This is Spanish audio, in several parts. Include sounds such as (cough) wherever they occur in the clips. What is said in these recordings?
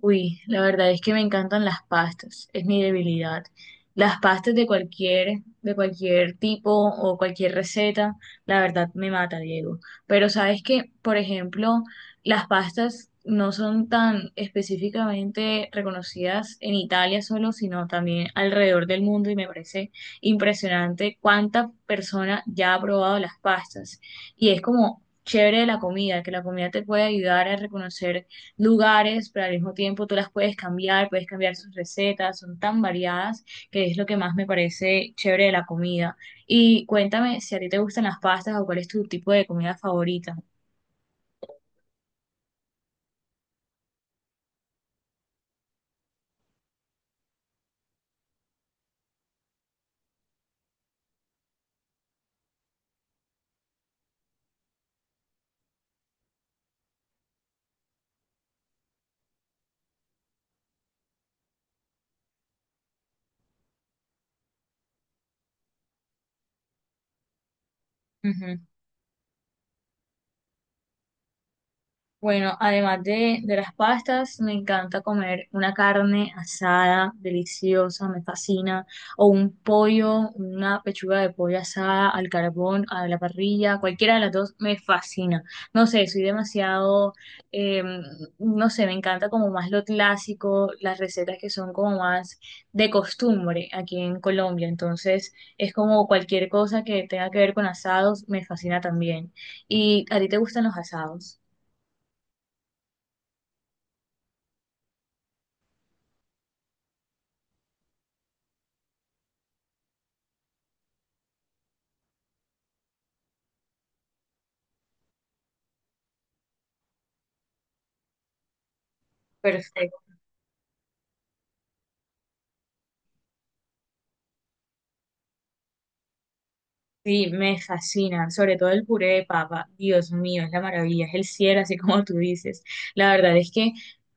Uy, la verdad es que me encantan las pastas, es mi debilidad. Las pastas de cualquier tipo o cualquier receta, la verdad me mata, Diego. Pero sabes que, por ejemplo, las pastas no son tan específicamente reconocidas en Italia solo, sino también alrededor del mundo y me parece impresionante cuánta persona ya ha probado las pastas. Y es como chévere de la comida, que la comida te puede ayudar a reconocer lugares, pero al mismo tiempo tú las puedes cambiar sus recetas, son tan variadas que es lo que más me parece chévere de la comida. Y cuéntame si a ti te gustan las pastas o cuál es tu tipo de comida favorita. Bueno, además de las pastas, me encanta comer una carne asada, deliciosa, me fascina, o un pollo, una pechuga de pollo asada al carbón, a la parrilla, cualquiera de las dos me fascina. No sé, soy demasiado, eh, no sé, me encanta como más lo clásico, las recetas que son como más de costumbre aquí en Colombia, entonces es como cualquier cosa que tenga que ver con asados, me fascina también. ¿Y a ti te gustan los asados? Perfecto. Sí, me fascina, sobre todo el puré de papa. Dios mío, es la maravilla, es el cielo, así como tú dices. La verdad es que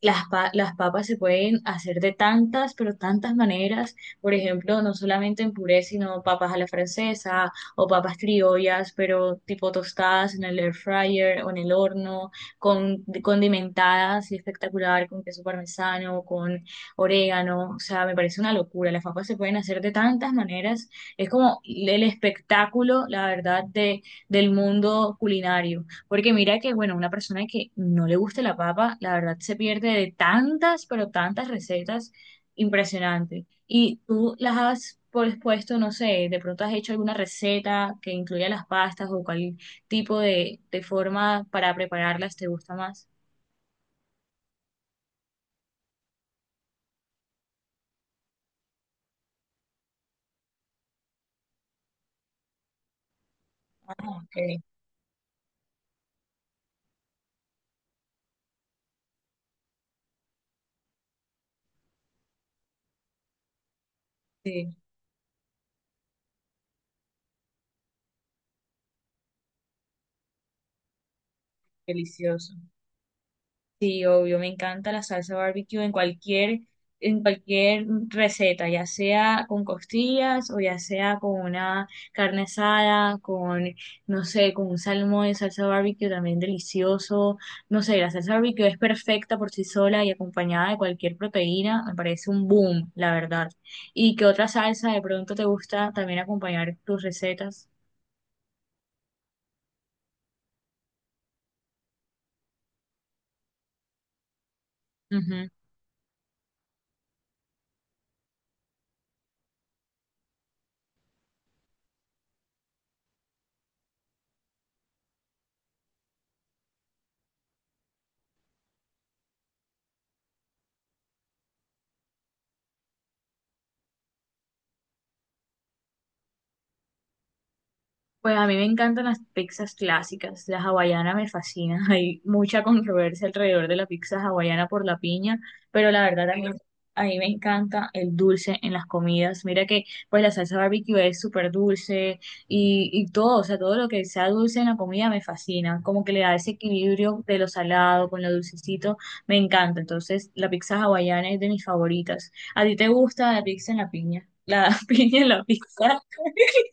las papas se pueden hacer de tantas, pero tantas maneras. Por ejemplo, no solamente en puré, sino papas a la francesa o papas criollas, pero tipo tostadas en el air fryer o en el horno, con condimentadas y espectacular, con queso parmesano, con orégano. O sea, me parece una locura. Las papas se pueden hacer de tantas maneras, es como el espectáculo, la verdad, del mundo culinario. Porque mira que, bueno, una persona que no le guste la papa, la verdad se pierde de tantas, pero tantas recetas impresionantes. Y tú las has puesto, no sé, de pronto has hecho alguna receta que incluya las pastas o cuál tipo de forma para prepararlas te gusta más. Ok, sí, delicioso. Sí, obvio, me encanta la salsa barbecue en cualquier receta, ya sea con costillas o ya sea con una carne asada, con, no sé, con un salmón de salsa barbecue también delicioso. No sé, la salsa barbecue es perfecta por sí sola y acompañada de cualquier proteína, me parece un boom, la verdad. ¿Y qué otra salsa de pronto te gusta también acompañar tus recetas? Pues a mí me encantan las pizzas clásicas, la hawaiana me fascina, (laughs) hay mucha controversia alrededor de la pizza hawaiana por la piña, pero la verdad a mí me encanta el dulce en las comidas, mira que pues la salsa barbecue es súper dulce y todo, o sea, todo lo que sea dulce en la comida me fascina, como que le da ese equilibrio de lo salado con lo dulcecito, me encanta, entonces la pizza hawaiana es de mis favoritas. ¿A ti te gusta la pizza en la piña? La (laughs) piña en la pizza, (laughs)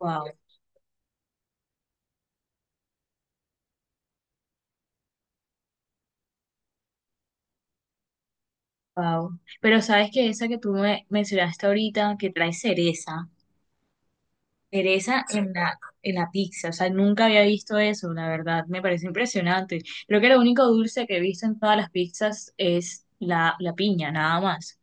wow. Wow. Pero sabes que esa que tú me mencionaste ahorita, que trae cereza, cereza en la pizza, o sea, nunca había visto eso, la verdad, me parece impresionante. Creo que lo único dulce que he visto en todas las pizzas es la piña, nada más.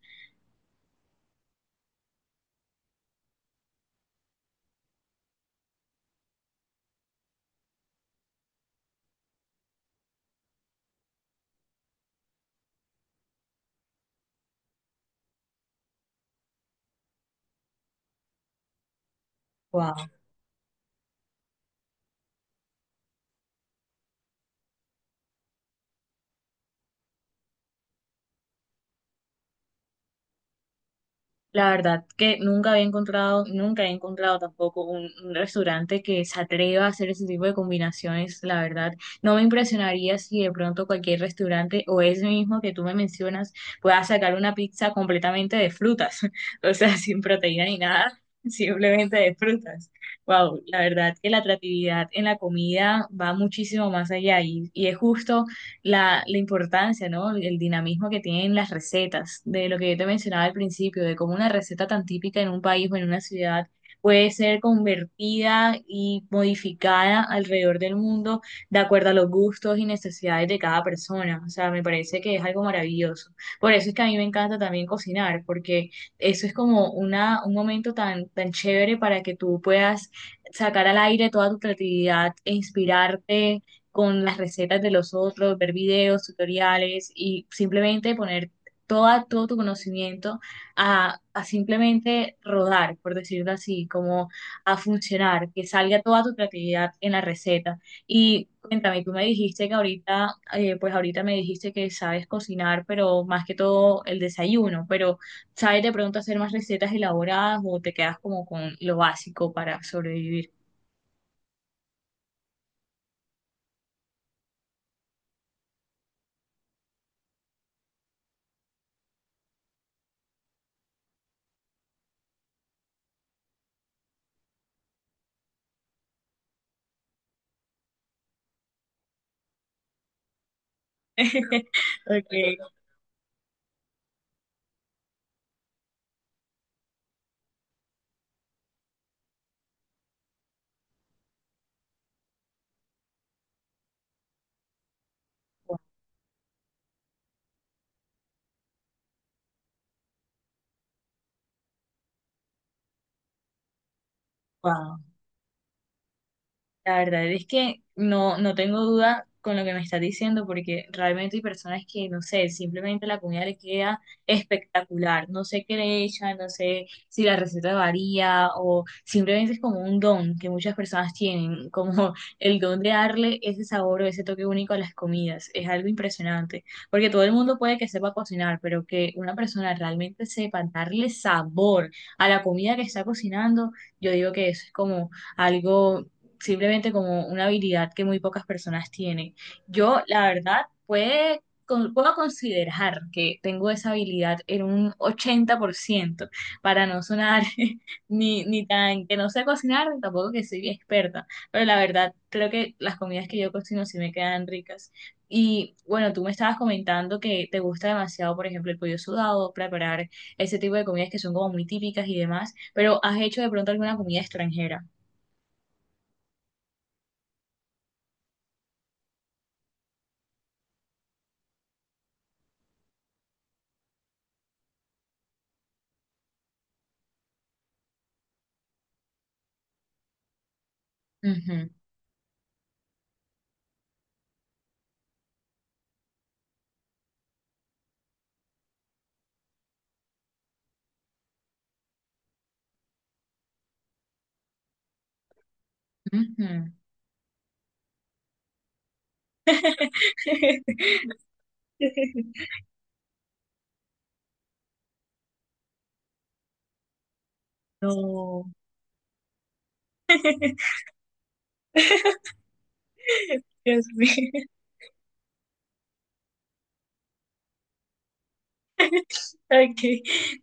Wow. La verdad que nunca había encontrado, nunca he encontrado tampoco un restaurante que se atreva a hacer ese tipo de combinaciones, la verdad. No me impresionaría si de pronto cualquier restaurante o ese mismo que tú me mencionas pueda sacar una pizza completamente de frutas, (laughs) o sea, sin proteína ni nada, simplemente de frutas. Wow, la verdad que la atractividad en la comida va muchísimo más allá, y es justo la importancia, ¿no? El dinamismo que tienen las recetas, de lo que yo te mencionaba al principio, de cómo una receta tan típica en un país o en una ciudad puede ser convertida y modificada alrededor del mundo de acuerdo a los gustos y necesidades de cada persona. O sea, me parece que es algo maravilloso. Por eso es que a mí me encanta también cocinar, porque eso es como un momento tan chévere para que tú puedas sacar al aire toda tu creatividad e inspirarte con las recetas de los otros, ver videos, tutoriales y simplemente poner todo tu conocimiento a simplemente rodar, por decirlo así, como a funcionar, que salga toda tu creatividad en la receta. Y cuéntame, tú me dijiste que ahorita, pues ahorita me dijiste que sabes cocinar, pero más que todo el desayuno, pero ¿sabes de pronto hacer más recetas elaboradas o te quedas como con lo básico para sobrevivir? (laughs) Ok, wow. La verdad es que no, no tengo duda con lo que me estás diciendo, porque realmente hay personas que, no sé, simplemente la comida le queda espectacular. No sé qué le echan, no sé si la receta varía o simplemente es como un don que muchas personas tienen, (laughs) como el don de darle ese sabor o ese toque único a las comidas. Es algo impresionante, porque todo el mundo puede que sepa cocinar, pero que una persona realmente sepa darle sabor a la comida que está cocinando, yo digo que eso es como algo simplemente como una habilidad que muy pocas personas tienen. Yo, la verdad, puedo considerar que tengo esa habilidad en un 80% para no sonar (laughs) ni tan que no sé cocinar, ni tampoco que soy experta, pero la verdad, creo que las comidas que yo cocino sí me quedan ricas. Y bueno, tú me estabas comentando que te gusta demasiado, por ejemplo, el pollo sudado, preparar ese tipo de comidas que son como muy típicas y demás, pero ¿has hecho de pronto alguna comida extranjera? Ujú. (laughs) No, Dios mío, (laughs) ok,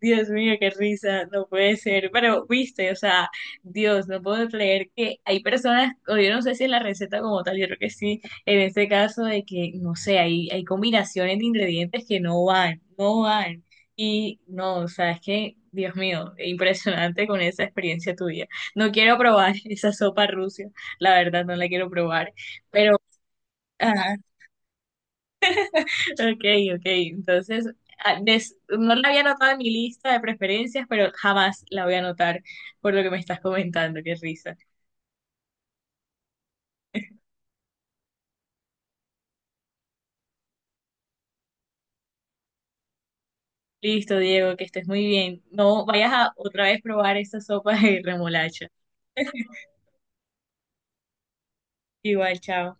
Dios mío, qué risa, no puede ser, pero viste, o sea, Dios, no puedo creer que hay personas, o yo no sé si en la receta como tal, yo creo que sí, en este caso de que, no sé, hay combinaciones de ingredientes que no van, no van, y no, o sea, es que, Dios mío, impresionante con esa experiencia tuya, no quiero probar (laughs) esa sopa rusa, la verdad no la quiero probar, pero... ajá. Ok, ok. Entonces, a- des- no la había anotado en mi lista de preferencias, pero jamás la voy a anotar por lo que me estás comentando. Qué risa. Listo, Diego, que estés muy bien. No vayas a otra vez probar esa sopa de remolacha. Igual, chao.